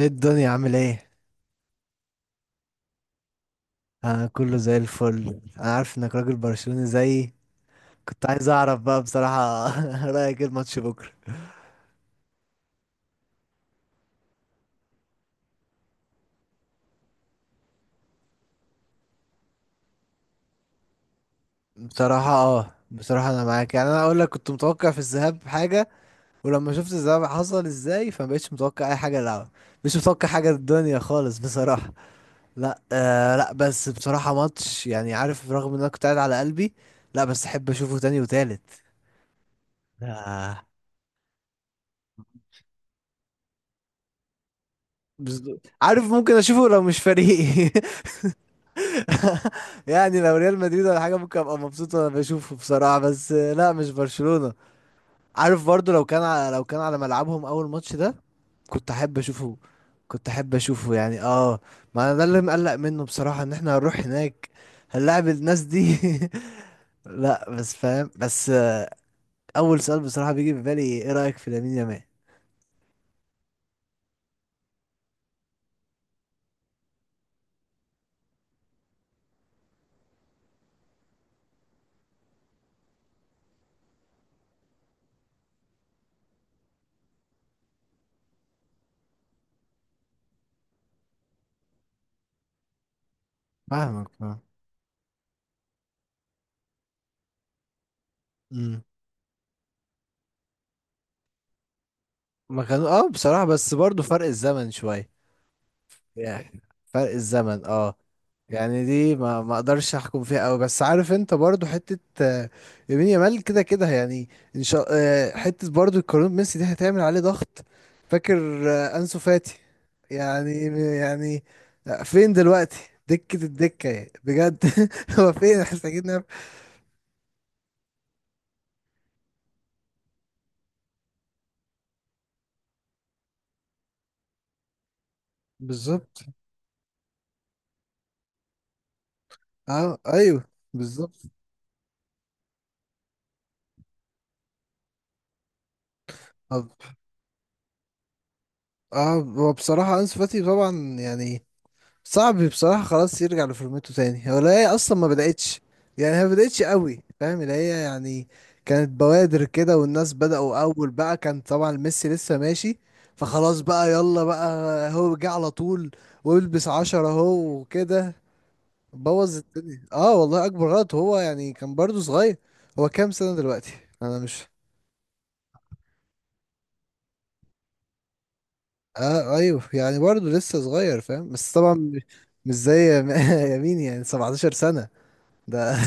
ايه الدنيا عامل ايه؟ انا كله زي الفل. انا عارف انك راجل برشلوني زيي. كنت عايز اعرف بقى بصراحة رأيك ايه الماتش بكرة؟ بصراحة اه، بصراحة انا معاك يعني اقول لك كنت متوقع في الذهاب حاجة، ولما شفت الذهاب حصل ازاي فمبقتش متوقع اي حاجة العب. مش متوقع حاجة الدنيا خالص بصراحة. لا آه لا، بس بصراحة ماتش يعني عارف رغم ان انا كنت قاعد على قلبي. لا بس احب اشوفه تاني وتالت. آه. عارف ممكن اشوفه لو مش فريقي يعني لو ريال مدريد ولا حاجه ممكن ابقى مبسوط وانا بشوفه بصراحه، بس لا مش برشلونه. عارف برضو لو كان على ملعبهم اول ماتش ده كنت احب اشوفه. كنت احب اشوفه يعني اه. ما انا ده اللي مقلق منه بصراحه، ان احنا هنروح هناك هنلاعب الناس دي. لا بس فاهم بس اول سؤال بصراحه بيجي في بالي، ايه رايك في لامين يامال؟ فاهمك فاهم. امم. ما كانوا اه بصراحه، بس برضو فرق الزمن شويه يعني. فرق الزمن اه. يعني دي ما اقدرش احكم فيها قوي، بس عارف انت برضو حته يمين يامال كده كده يعني. ان شاء حته برضو القانون ميسي دي هتعمل عليه ضغط، فاكر انسو فاتي. يعني يعني فين دلوقتي؟ دكه الدكه يعني. بجد. هو فين؟ محتاجين نعرف. بالظبط. اه ايوه. بالظبط. طب اه، هو بصراحه انسو فاتي طبعا يعني صعب بصراحة خلاص يرجع لفورمته تاني. هو لا، هي أصلا ما بدأتش يعني. هي ما بدأتش قوي، فاهم اللي هي يعني. كانت بوادر كده والناس بدأوا أول بقى. كان طبعا ميسي لسه ماشي فخلاص بقى، يلا بقى. هو جه على طول والبس عشرة هو وكده، بوظ الدنيا. اه والله أكبر غلط هو، يعني كان برضو صغير. هو كام سنة دلوقتي؟ أنا مش. اه أيوه، يعني برضو لسه صغير، فاهم، بس طبعا مش. مش زي يمين. يعني 17 سنة ده.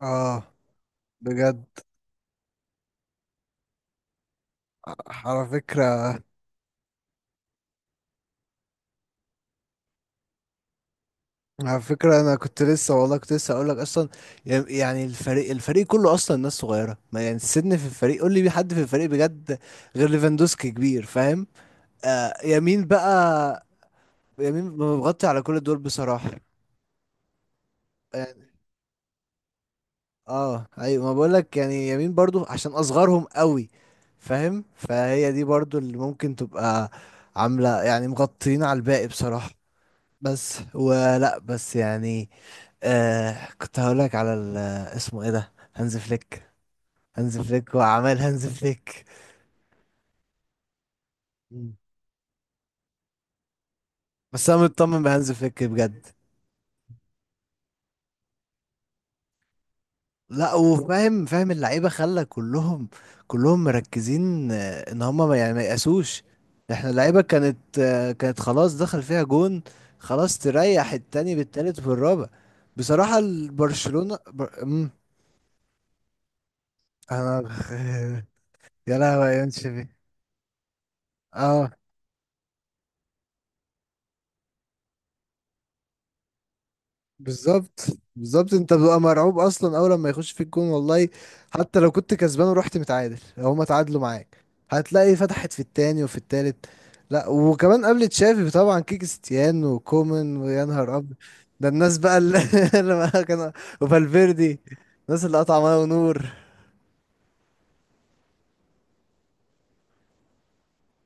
اه بجد. على فكرة. على فكرة أنا كنت لسه والله، كنت لسه أقول لك أصلا يعني الفريق كله أصلا ناس صغيرة. ما يعني السن في الفريق، قول لي مين حد في الفريق بجد غير ليفاندوسكي كبير، فاهم. آه يمين بقى. يمين مغطي على كل دول بصراحة يعني. اه أيوة، ما بقول لك يعني يمين برضو عشان أصغرهم قوي، فاهم. فهي دي برضو اللي ممكن تبقى عاملة يعني مغطيين على الباقي بصراحة. بس ولا بس يعني آه، كنت هقولك على اسمه ايه ده؟ هانز فليك. هانز فليك وأعمال هانز فليك. مم. بس انا مطمن بهانز فليك بجد. لا وفاهم، فاهم اللعيبه، خلى كلهم مركزين ان هم يعني ما يقاسوش. احنا اللعيبه كانت كانت خلاص دخل فيها جون، خلاص تريح التاني بالتالت والرابع. بصراحه البرشلونه مم. انا يا لهوي يا شبي. اه بالظبط. بالظبط انت بتبقى مرعوب اصلا اول لما يخش في الجون، والله حتى لو كنت كسبان ورحت متعادل، لو هما تعادلوا معاك هتلاقي فتحت في التاني وفي التالت. لا وكمان قبل تشافي طبعا كيكستيان وكومان، ويا نهار ابيض، ده الناس بقى اللي اللي بقى كان وفالفيردي، الناس اللي قطع ميه ونور.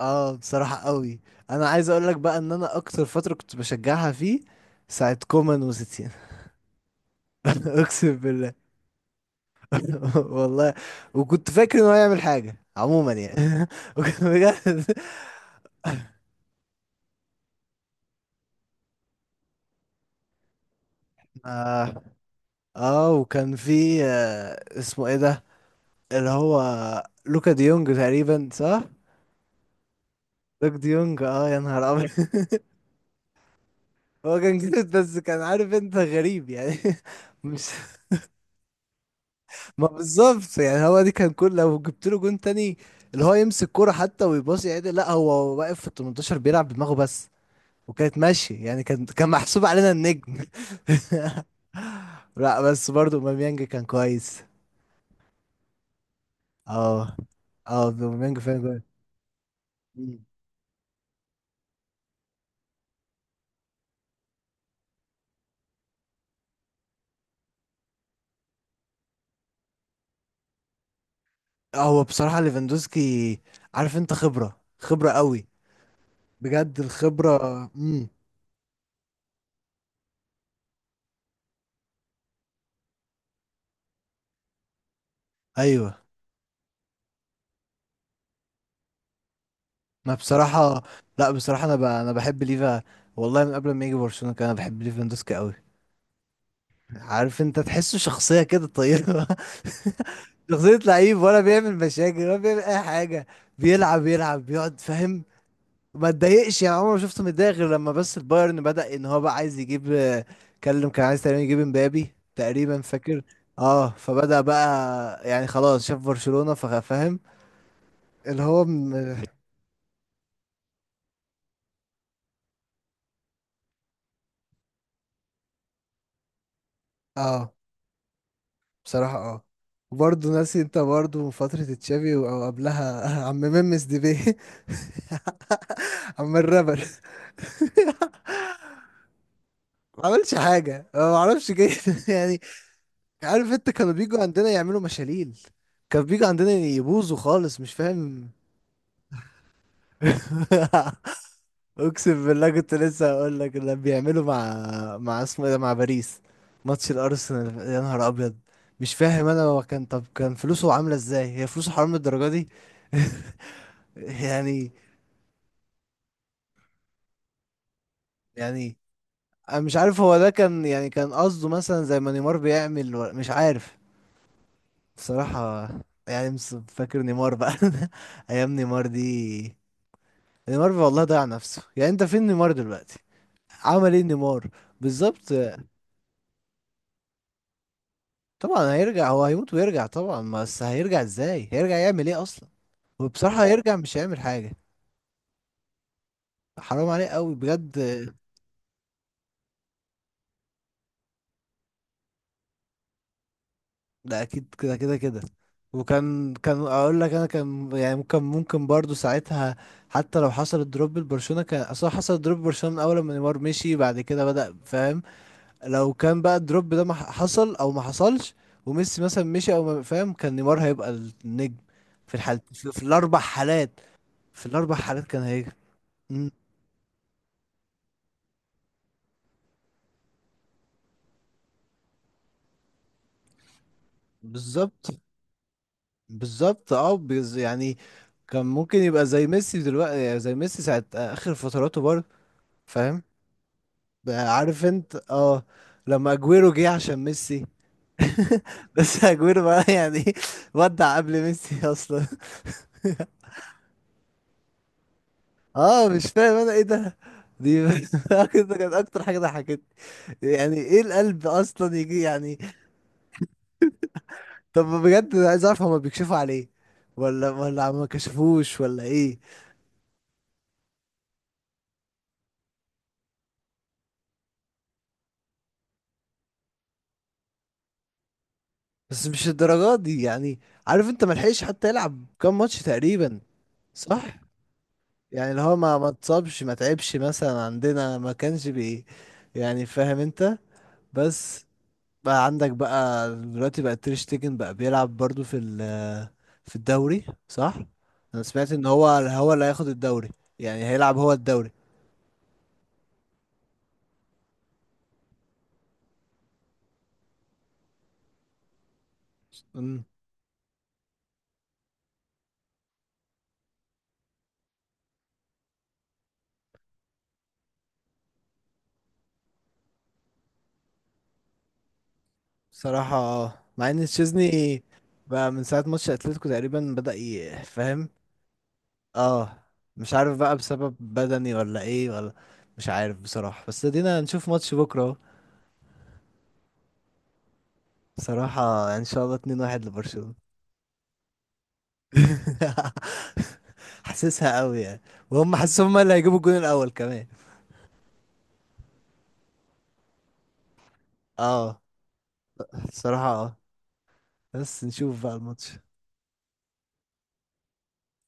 اه بصراحة قوي. انا عايز اقول لك بقى ان انا اكتر فترة كنت بشجعها فيه ساعة كومان وستين. اقسم بالله. والله. وكنت فاكر انه هيعمل حاجة عموما يعني وكان بجد اه. وكان في آه اسمه ايه ده اللي هو لوكا ديونج تقريبا، صح؟ لوكا ديونج اه، يا نهار ابيض. هو كان جامد، بس كان عارف انت غريب يعني. مش. ما بالظبط يعني، هو دي كان كل لو جبت له جون تاني اللي هو يمسك كرة حتى ويباصي عادي، لا هو واقف في ال 18 بيلعب بدماغه بس. وكانت ماشية يعني، كان محسوب علينا النجم. لا بس برضو اوباميانج كان كويس. اه. اه اوباميانج فعلا كويس. مم. هو بصراحة ليفاندوسكي، عارف انت، خبرة قوي. بجد الخبرة. امم. ايوه. ما بصراحة لا بصراحة انا بحب ليفا، والله من قبل ما يجي برشلونة كان انا بحب ليفاندوسكي قوي. عارف انت تحسه شخصية كده طيبة. شخصية لعيب، ولا بيعمل مشاكل ولا بيعمل أي حاجة. بيلعب، يلعب بيقعد، فاهم. ما اتضايقش يعني، عمري ما شفته متضايق غير لما بس البايرن بدأ إن هو بقى عايز يجيب، كلم كان عايز تقريبا يجيب امبابي تقريبا، فاكر. اه، فبدأ بقى يعني خلاص شاف برشلونة ففاهم اللي هو اه بصراحة اه. وبرضه ناسي انت برضه فترة تشافي او قبلها عم ممس ديبي. عم الرابر. ما عملش حاجة، ما اعرفش جاي يعني. عارف انت، كانوا بيجوا عندنا يعملوا مشاليل، كانوا بيجوا عندنا يبوظوا خالص، مش فاهم. اقسم بالله كنت لسه هقول لك اللي بيعملوا مع اسمه ايه ده، مع باريس. ماتش الارسنال، يا نهار ابيض. مش فاهم انا، هو كان طب كان فلوسه عامله ازاي؟ هي فلوسه حرام للدرجه دي؟ يعني يعني. انا مش عارف هو ده كان يعني كان قصده مثلا زي ما نيمار بيعمل مش عارف بصراحه. يعني فاكر نيمار بقى. ايام نيمار دي، نيمار والله ضيع نفسه. يعني انت فين نيمار دلوقتي؟ عمل ايه نيمار؟ بالظبط. طبعا هيرجع، هو هيموت ويرجع طبعا، بس هيرجع ازاي؟ هيرجع يعمل ايه اصلا؟ وبصراحة هيرجع مش هيعمل حاجة. حرام عليه قوي بجد. لا اكيد كده كده كده. وكان اقول لك انا، كان يعني ممكن ممكن برضو ساعتها حتى لو حصل الدروب لبرشلونة، كان اصلا حصل الدروب لبرشلونة من اول ما نيمار مشي، بعد كده بدأ، فاهم. لو كان بقى الدروب ده ما ح- حصل او ما حصلش وميسي مثلا مشي او ما، فاهم، كان نيمار هيبقى النجم. في الحال، في الاربع حالات. في الاربع حالات كان هيجي. بالظبط. بالظبط اه، يعني كان ممكن يبقى زي ميسي دلوقتي، يعني زي ميسي ساعة آخر فتراته برضه، فاهم بقى. عارف انت اه، لما اجويرو جه عشان ميسي. بس اجويرو بقى يعني ودع قبل ميسي اصلا. اه مش فاهم انا ايه ده، دي كده كانت اكتر حاجة ضحكتني. يعني ايه القلب اصلا يجي يعني؟ طب بجد انا عايز اعرف، هما بيكشفوا عليه ولا ما كشفوش، ولا ايه؟ بس مش الدرجات دي يعني. عارف انت ملحقش حتى يلعب كام ماتش تقريبا، صح؟ يعني اللي هو ما اتصابش، ما تعبش مثلا، عندنا ما كانش بي يعني، فاهم انت. بس بقى عندك بقى دلوقتي بقى تير شتيجن بقى بيلعب برضو في في الدوري، صح؟ انا سمعت ان هو اللي هياخد الدوري، يعني هيلعب هو الدوري. امم. صراحة اه، مع ان تشيزني بقى من ساعة ماتش اتلتيكو تقريبا بدأ يفهم. اه، مش عارف بقى بسبب بدني ولا ايه ولا. مش عارف بصراحة، بس ادينا نشوف ماتش بكرة اهو. بصراحة يعني ان شاء الله 2-1 لبرشلونة. حاسسها قوي يعني. وهم حاسسهم هم اللي هيجيبوا الجون الاول كمان. اه بصراحة اه، بس نشوف بقى الماتش.